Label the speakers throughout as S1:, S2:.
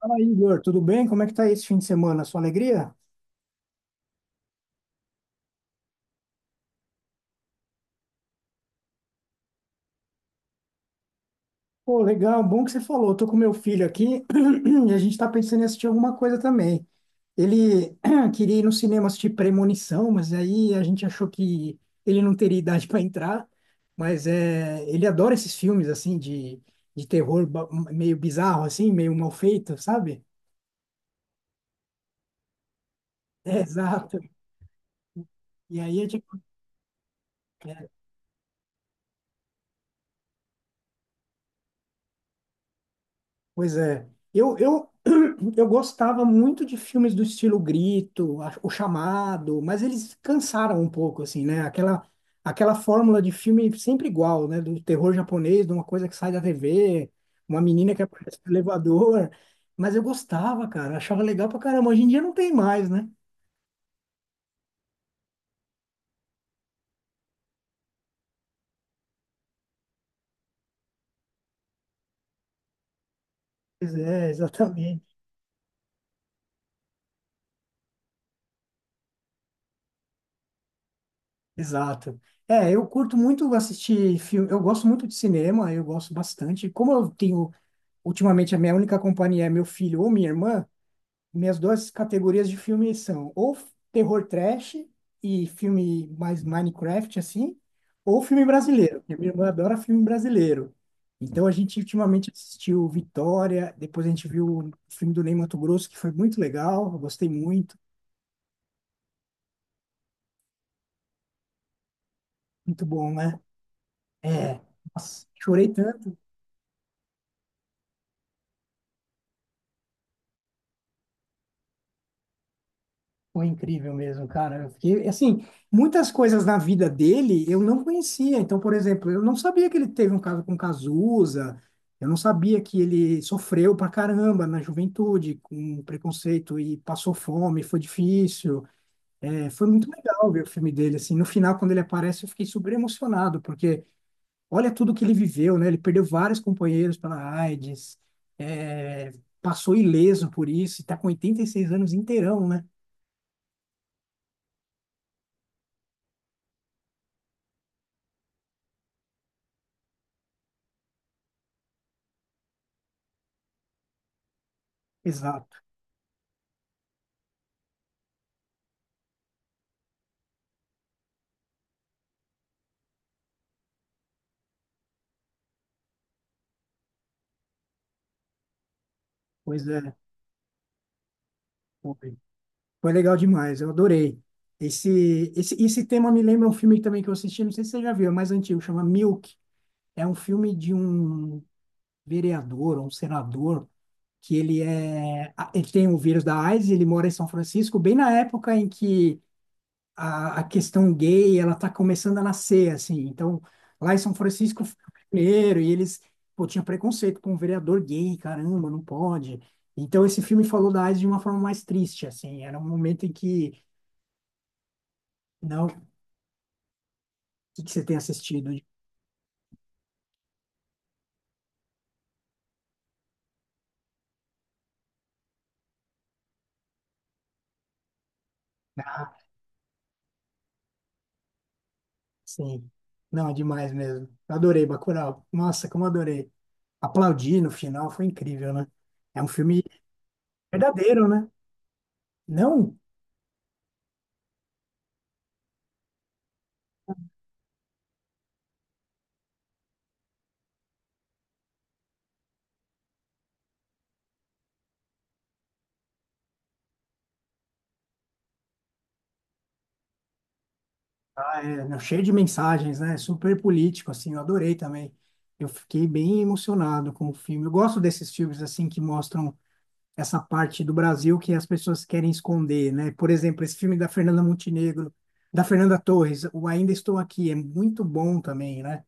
S1: Fala, aí, Igor, tudo bem? Como é que tá aí esse fim de semana? Sua alegria? Pô, legal, bom que você falou. Eu tô com meu filho aqui e a gente tá pensando em assistir alguma coisa também. Ele queria ir no cinema assistir Premonição, mas aí a gente achou que ele não teria idade para entrar. Mas é, ele adora esses filmes assim de terror meio bizarro, assim, meio mal feito, sabe? É, exato. E aí eu tinha. Pois é. Eu, eu, eu gostava muito de filmes do estilo Grito, O Chamado, mas eles cansaram um pouco, assim, né? Aquela fórmula de filme sempre igual, né? Do terror japonês, de uma coisa que sai da TV, uma menina que aparece no elevador. Mas eu gostava, cara, achava legal pra caramba. Hoje em dia não tem mais, né? Pois é, exatamente. Exato. É, eu curto muito assistir filme, eu gosto muito de cinema, eu gosto bastante. Como eu tenho ultimamente, a minha única companhia é meu filho ou minha irmã. Minhas duas categorias de filme são ou terror trash e filme mais Minecraft, assim, ou filme brasileiro, porque minha irmã adora filme brasileiro. Então, a gente ultimamente assistiu Vitória, depois a gente viu o filme do Ney Matogrosso, que foi muito legal, eu gostei muito, muito bom, né? É, nossa, chorei tanto. Foi incrível mesmo, cara. Eu fiquei, assim, muitas coisas na vida dele eu não conhecia. Então, por exemplo, eu não sabia que ele teve um caso com Cazuza, eu não sabia que ele sofreu pra caramba na juventude, com preconceito e passou fome, foi difícil. É, foi muito legal ver o filme dele, assim. No final, quando ele aparece, eu fiquei super emocionado, porque olha tudo que ele viveu, né? Ele perdeu vários companheiros pela AIDS, é, passou ileso por isso, e tá com 86 anos inteirão, né? Exato. Pois é, foi. Foi legal demais, eu adorei. Esse tema me lembra um filme também que eu assisti, não sei se você já viu, é mais antigo, chama Milk. É um filme de um vereador, um senador, que ele é, ah, ele tem o vírus da AIDS, ele mora em São Francisco, bem na época em que a questão gay ela está começando a nascer, assim, então lá em São Francisco foi o primeiro e eles, pô, tinha preconceito com um vereador gay, caramba, não pode. Então esse filme falou da AIDS de uma forma mais triste, assim, era um momento em que não. O que você tem assistido? Ah, sim, não é demais mesmo. Eu adorei Bacurau, nossa, como adorei. Aplaudir no final foi incrível, né? É um filme verdadeiro, né? Não. Ah, é, não, cheio de mensagens, né? Super político, assim, eu adorei também. Eu fiquei bem emocionado com o filme. Eu gosto desses filmes, assim, que mostram essa parte do Brasil que as pessoas querem esconder, né? Por exemplo, esse filme da Fernanda Montenegro, da Fernanda Torres, o Ainda Estou Aqui, é muito bom também, né?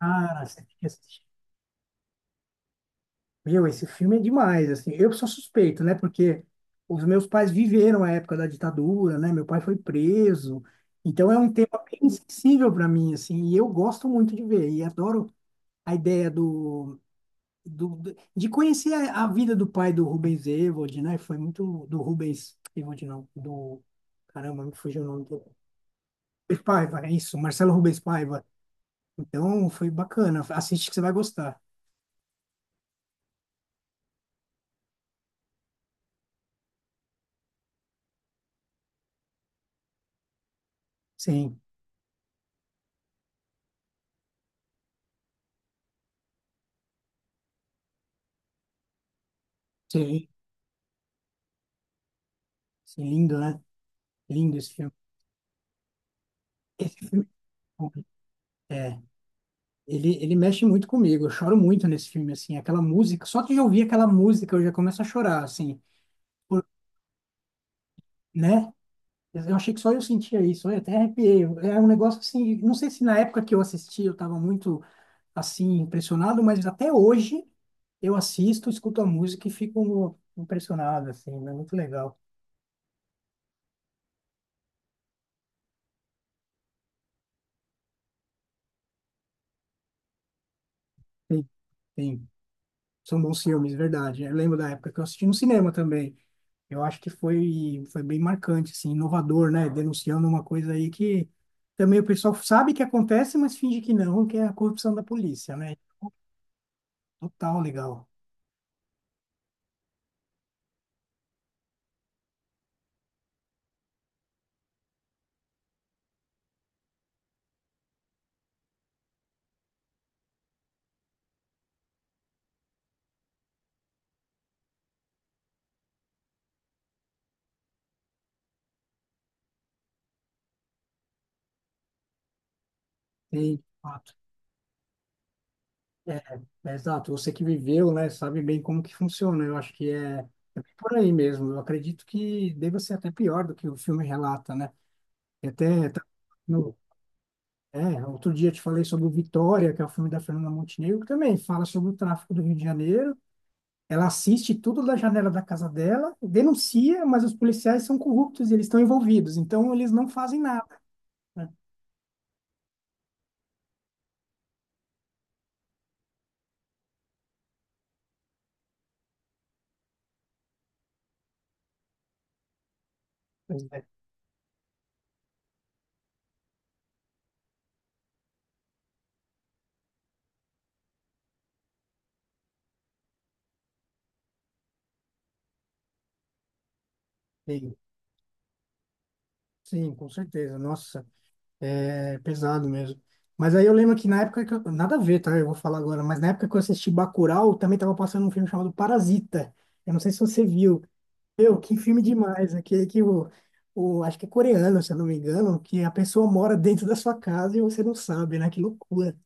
S1: Cara, você fica assistindo. Meu, esse filme é demais, assim. Eu sou suspeito, né? Porque os meus pais viveram a época da ditadura, né? Meu pai foi preso. Então é um tema bem sensível para mim, assim, e eu gosto muito de ver e adoro a ideia de conhecer a vida do pai do Rubens Evald, né? Foi muito do Rubens Evald, não, do, caramba, me fugiu o nome dele. Rubens Paiva, é isso, Marcelo Rubens Paiva. Então foi bacana. Assiste que você vai gostar. Sim, sim, sim, lindo, né? Lindo esse filme. Esse filme, é, ele mexe muito comigo. Eu choro muito nesse filme, assim. Aquela música, só de ouvir aquela música eu já começo a chorar, assim, por- né? Eu achei que só eu sentia isso, eu até arrepiei. É um negócio assim, não sei se na época que eu assisti eu estava muito, assim, impressionado, mas até hoje eu assisto, escuto a música e fico impressionado, assim, é muito legal. Sim, sim. São bons filmes, verdade. Eu lembro da época que eu assisti no cinema também. Eu acho que foi, foi bem marcante, assim, inovador, né? Denunciando uma coisa aí que também o pessoal sabe que acontece, mas finge que não, que é a corrupção da polícia, né? Total legal. Sim, de fato. É, é exato. Você que viveu, né, sabe bem como que funciona. Eu acho que é, é bem por aí mesmo. Eu acredito que deva ser até pior do que o filme relata, né? E até tá no, é, outro dia eu te falei sobre o Vitória, que é o filme da Fernanda Montenegro, que também fala sobre o tráfico do Rio de Janeiro. Ela assiste tudo da janela da casa dela, denuncia, mas os policiais são corruptos e eles estão envolvidos, então eles não fazem nada, né? Pois é. Sim, sim, com certeza. Nossa, é pesado mesmo. Mas aí eu lembro que na época que eu, nada a ver, tá? Eu vou falar agora, mas na época que eu assisti Bacurau, também tava passando um filme chamado Parasita. Eu não sei se você viu. Meu, que filme demais, aquele que o acho que é coreano, se eu não me engano, que a pessoa mora dentro da sua casa e você não sabe, né? Que loucura.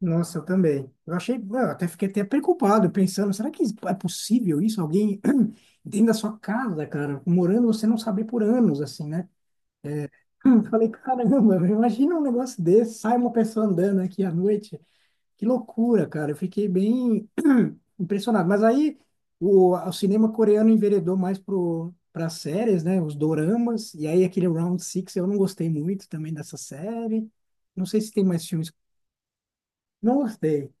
S1: Nossa, eu também. Eu achei, eu até fiquei até preocupado, pensando, será que é possível isso? Alguém dentro da sua casa, cara, morando, você não saber por anos, assim, né? Eu falei, caramba, meu, imagina um negócio desse, sai uma pessoa andando aqui à noite. Que loucura, cara. Eu fiquei bem impressionado. Mas aí o cinema coreano enveredou mais pro para séries, né? Os doramas. E aí aquele Round Six eu não gostei muito também dessa série. Não sei se tem mais filmes. Não gostei.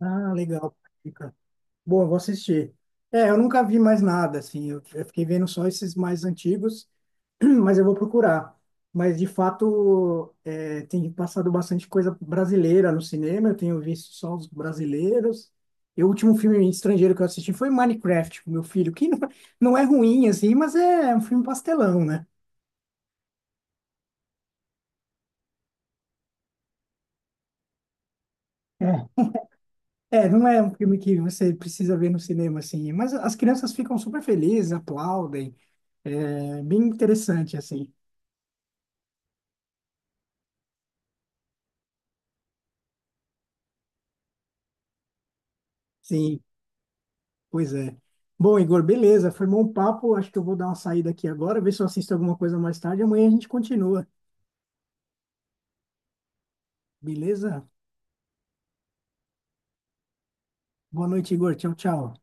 S1: Ah, legal. Fica. Boa, vou assistir. É, eu nunca vi mais nada, assim, eu fiquei vendo só esses mais antigos, mas eu vou procurar. Mas, de fato, é, tem passado bastante coisa brasileira no cinema, eu tenho visto só os brasileiros. E o último filme estrangeiro que eu assisti foi Minecraft, com meu filho, que não, não é ruim, assim, mas é um filme pastelão, né? É. É, não é um filme que você precisa ver no cinema, assim, mas as crianças ficam super felizes, aplaudem, é bem interessante, assim. Sim, pois é. Bom, Igor, beleza. Foi bom papo. Acho que eu vou dar uma saída aqui agora, ver se eu assisto alguma coisa mais tarde. Amanhã a gente continua. Beleza? Boa noite, Igor. Tchau, tchau.